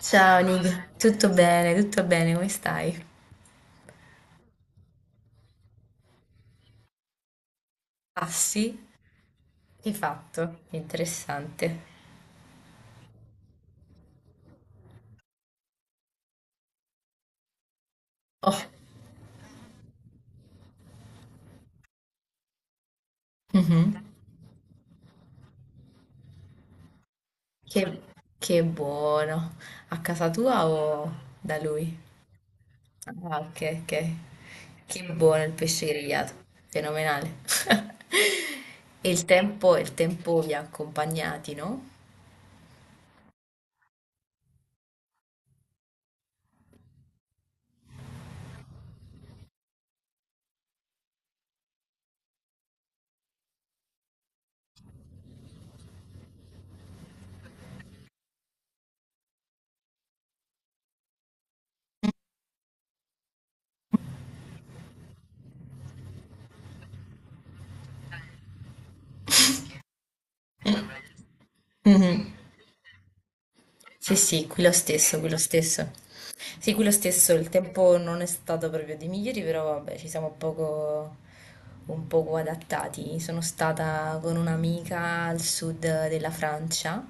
Ciao Nick, tutto bene, come stai? Ah sì, che hai fatto? Interessante. Oh, mhm. Che, che buono. A casa tua o da lui? Ah, ok, ok. Che buono il pesce grigliato, fenomenale. E il tempo vi ha accompagnati, no? Mhm. Sì, sì, qui lo stesso, qui lo stesso. Sì, quello stesso, il tempo non è stato proprio dei migliori, però vabbè, ci siamo poco, un poco adattati. Sono stata con un'amica al sud della Francia,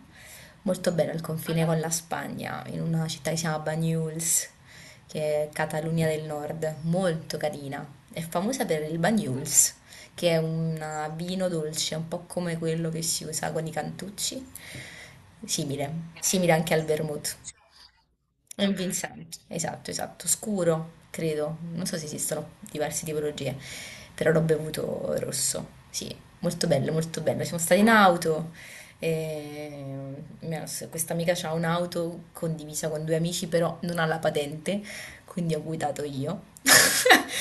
molto bene al confine con la Spagna, in una città che si chiama Banyuls, che è Catalunya del Nord, molto carina. È famosa per il Banyuls, che è un vino dolce, un po' come quello che si usa con i cantucci, simile, simile anche al vermouth. È un Vincent, esatto, esatto, scuro, credo. Non so se esistono diverse tipologie, però l'ho bevuto rosso. Sì, molto bello, molto bello. Siamo stati in auto. e mia- Questa amica ha un'auto condivisa con due amici, però non ha la patente, quindi ho guidato io.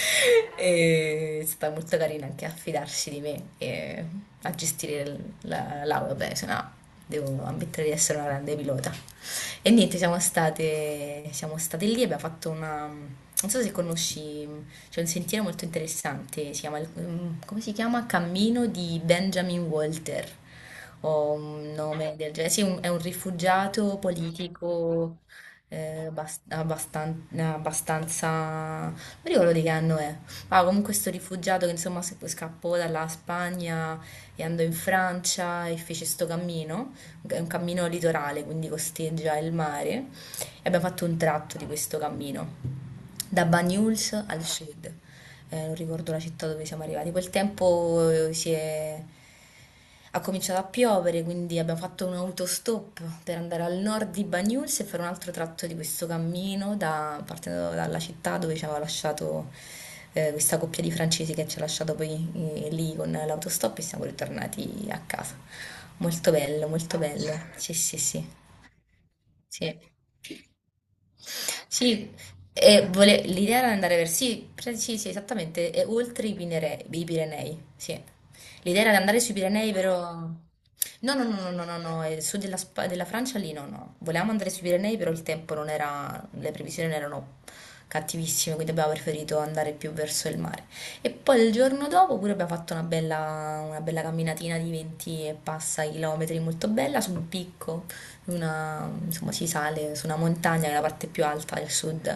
E è stata molto carina anche a fidarsi di me e a gestire l'auto. Beh, se no, devo ammettere di essere una grande pilota. E niente, siamo state lì, abbiamo fatto una... Non so se conosci, c'è un sentiero molto interessante, si chiama, come si chiama? Cammino di Benjamin Walter, o un nome del genere. Sì, è un rifugiato politico abbastanza... Non mi ricordo di che anno è. Ah, comunque sto rifugiato che insomma scappò dalla Spagna e andò in Francia e fece sto cammino è un cammino litorale, quindi costeggia il mare e abbiamo fatto un tratto di questo cammino da Banyuls al sud. Non ricordo la città dove siamo arrivati. Quel tempo si è... ha cominciato a piovere, quindi abbiamo fatto un autostop per andare al nord di Banyuls e fare un altro tratto di questo cammino partendo dalla città dove ci aveva lasciato questa coppia di francesi che ci ha lasciato poi lì con l'autostop e siamo ritornati a casa. Molto bello, molto bello. Sì, sì, sì, sì. Sì, l'idea era andare verso... Sì, sì, sì, esattamente, e oltre i Pirenei, sì. L'idea era di andare sui Pirenei, però... No, no, no, no, no, no, no, su della, della Francia lì no, no. Volevamo andare sui Pirenei, però il tempo non era... le previsioni non erano cattivissime, quindi abbiamo preferito andare più verso il mare. E poi il giorno dopo pure abbiamo fatto una bella camminatina di 20 e passa chilometri, molto bella, su un picco. Insomma, si sale su una montagna, che è la parte più alta del sud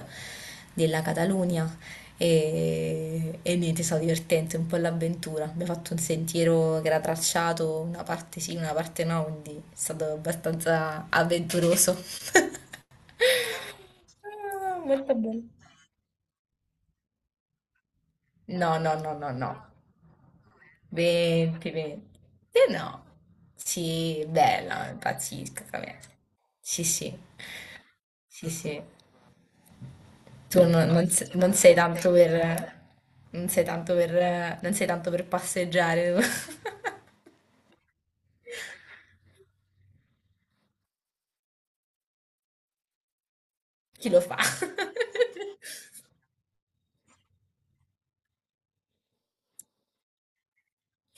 della Catalogna e niente, è stato divertente, un po' l'avventura. Abbiamo fatto un sentiero che era tracciato, una parte sì, una parte no, quindi è stato abbastanza avventuroso. Ah, molto bello. No, no, no, no, no. 20, 20. Eh no. Sì, bella, impazzisca, vabbè. Sì, sì. Sì, sì. Tu non, non se- non sei tanto per, non sei tanto per passeggiare. Chi lo fa?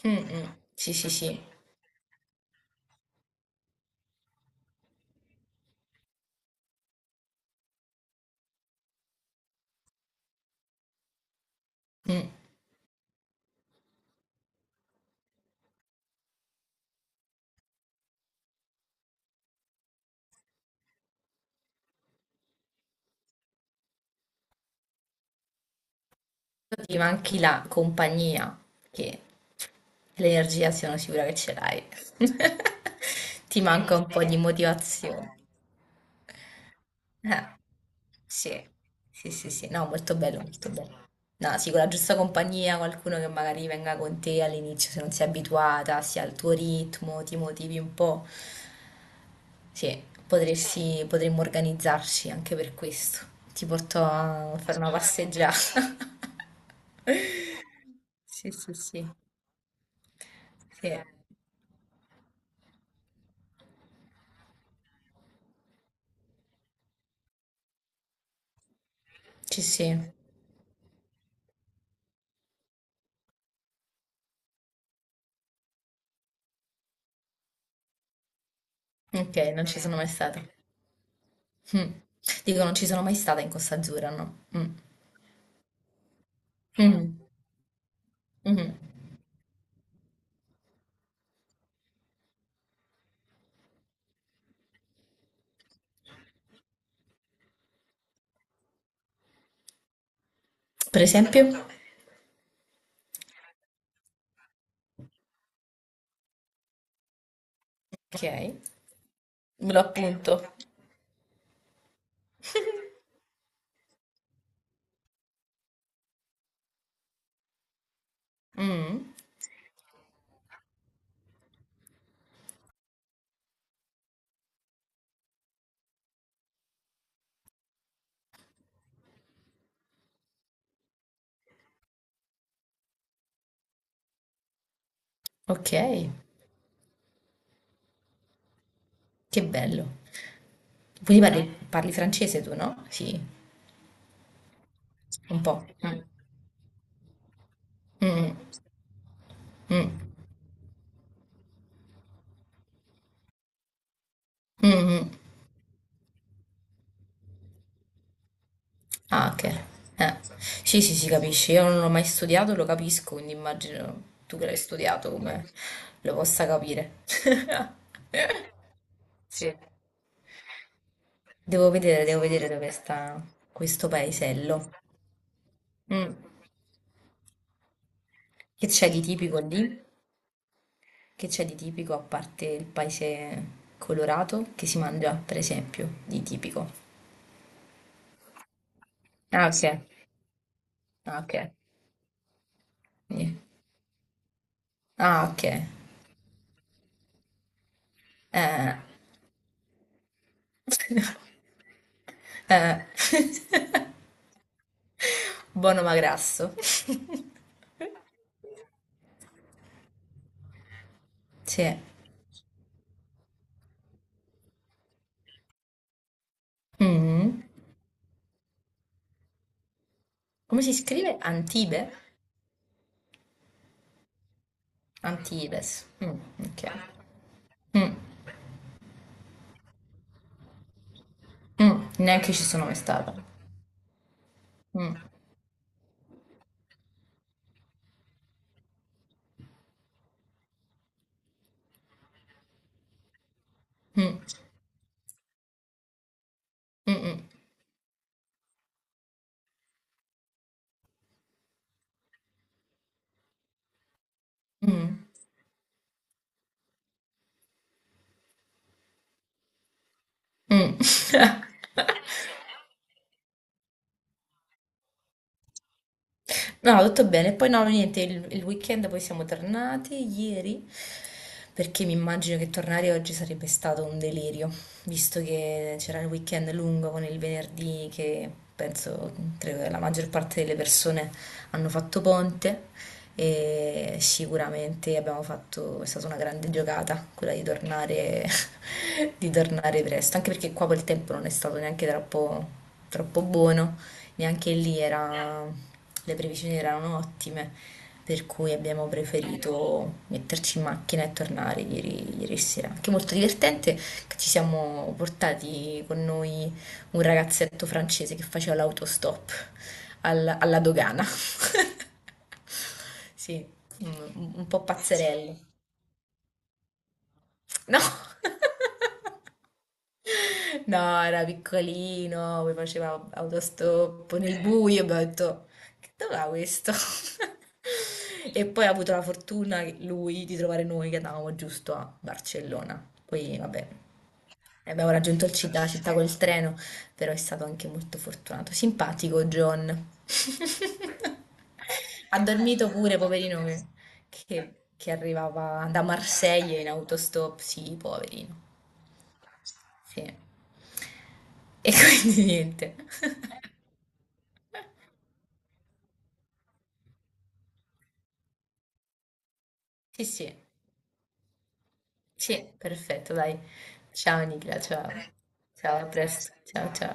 Mm, mm. Sì, sì, sì. Mm. Ti manchi la compagnia, che l'energia sono sicura che ce l'hai. Ti manca un po' di motivazione. Eh, sì, sì, no, molto bello, molto bello. No, sì, con la giusta compagnia, qualcuno che magari venga con te all'inizio se non sei abituata, sia al tuo ritmo, ti motivi un po'. Sì, potresti, potremmo organizzarci anche per questo. Ti porto a fare una passeggiata. Sì, sì, sì, sì, sì, sì. Ok, non ci sono mai stata. Mm. Dico, non ci sono mai stata in Costa Azzurra, no? Mm. Mm. Mm. Per esempio? Okay, me lo È un appunto. Capo. Mh, okay, che bello. Quindi parli parli francese tu, no? Sì, un po'. Mh. Sì. Mh, mh, mh. Ah, okay. Eh. Sì, sì, si capisce. Io non l'ho mai studiato, lo capisco, quindi immagino tu che l'hai studiato come lo possa capire. Sì. Devo vedere dove sta questo paesello. Mm. Che c'è di tipico lì? Che c'è di tipico a parte il paese colorato che si mangia, per esempio, di tipico? Ah, ok. Ah, ok. Quindi- Ah, ok. Eh. Eh. Buono ma grasso. Sì. Mm. Come si scrive? Antibe? Antibes. Mm, ok. Mm, mm, neanche ci sono mai stata. Mm, mm, mm, mm, mm, mm. No, no, tutto bene. Poi no, niente, il weekend poi siamo tornati ieri, perché mi immagino che tornare oggi sarebbe stato un delirio, visto che c'era il weekend lungo con il venerdì che la maggior parte delle persone hanno fatto ponte e sicuramente abbiamo fatto, è stata una grande giocata quella di tornare, di tornare presto, anche perché qua quel tempo non è stato neanche troppo, troppo buono neanche lì era, le previsioni erano ottime, per cui abbiamo preferito metterci in macchina e tornare ieri, ieri sera. Anche molto divertente che ci siamo portati con noi un ragazzetto francese che faceva l'autostop alla dogana. Sì, un po' pazzerello. No. No, era piccolino, poi faceva autostop nel buio, abbiamo detto, che dov'è questo? E poi ha avuto la fortuna, lui, di trovare noi che andavamo giusto a Barcellona. Poi, vabbè, abbiamo raggiunto la città col treno, però è stato anche molto fortunato. Simpatico John. Ha dormito pure, poverino, che, che arrivava da Marsiglia in autostop. Sì, poverino. Sì. E quindi niente. Sì, sì, sì, perfetto, dai. Ciao Nicola, ciao. Ciao, a presto. Ciao, ciao.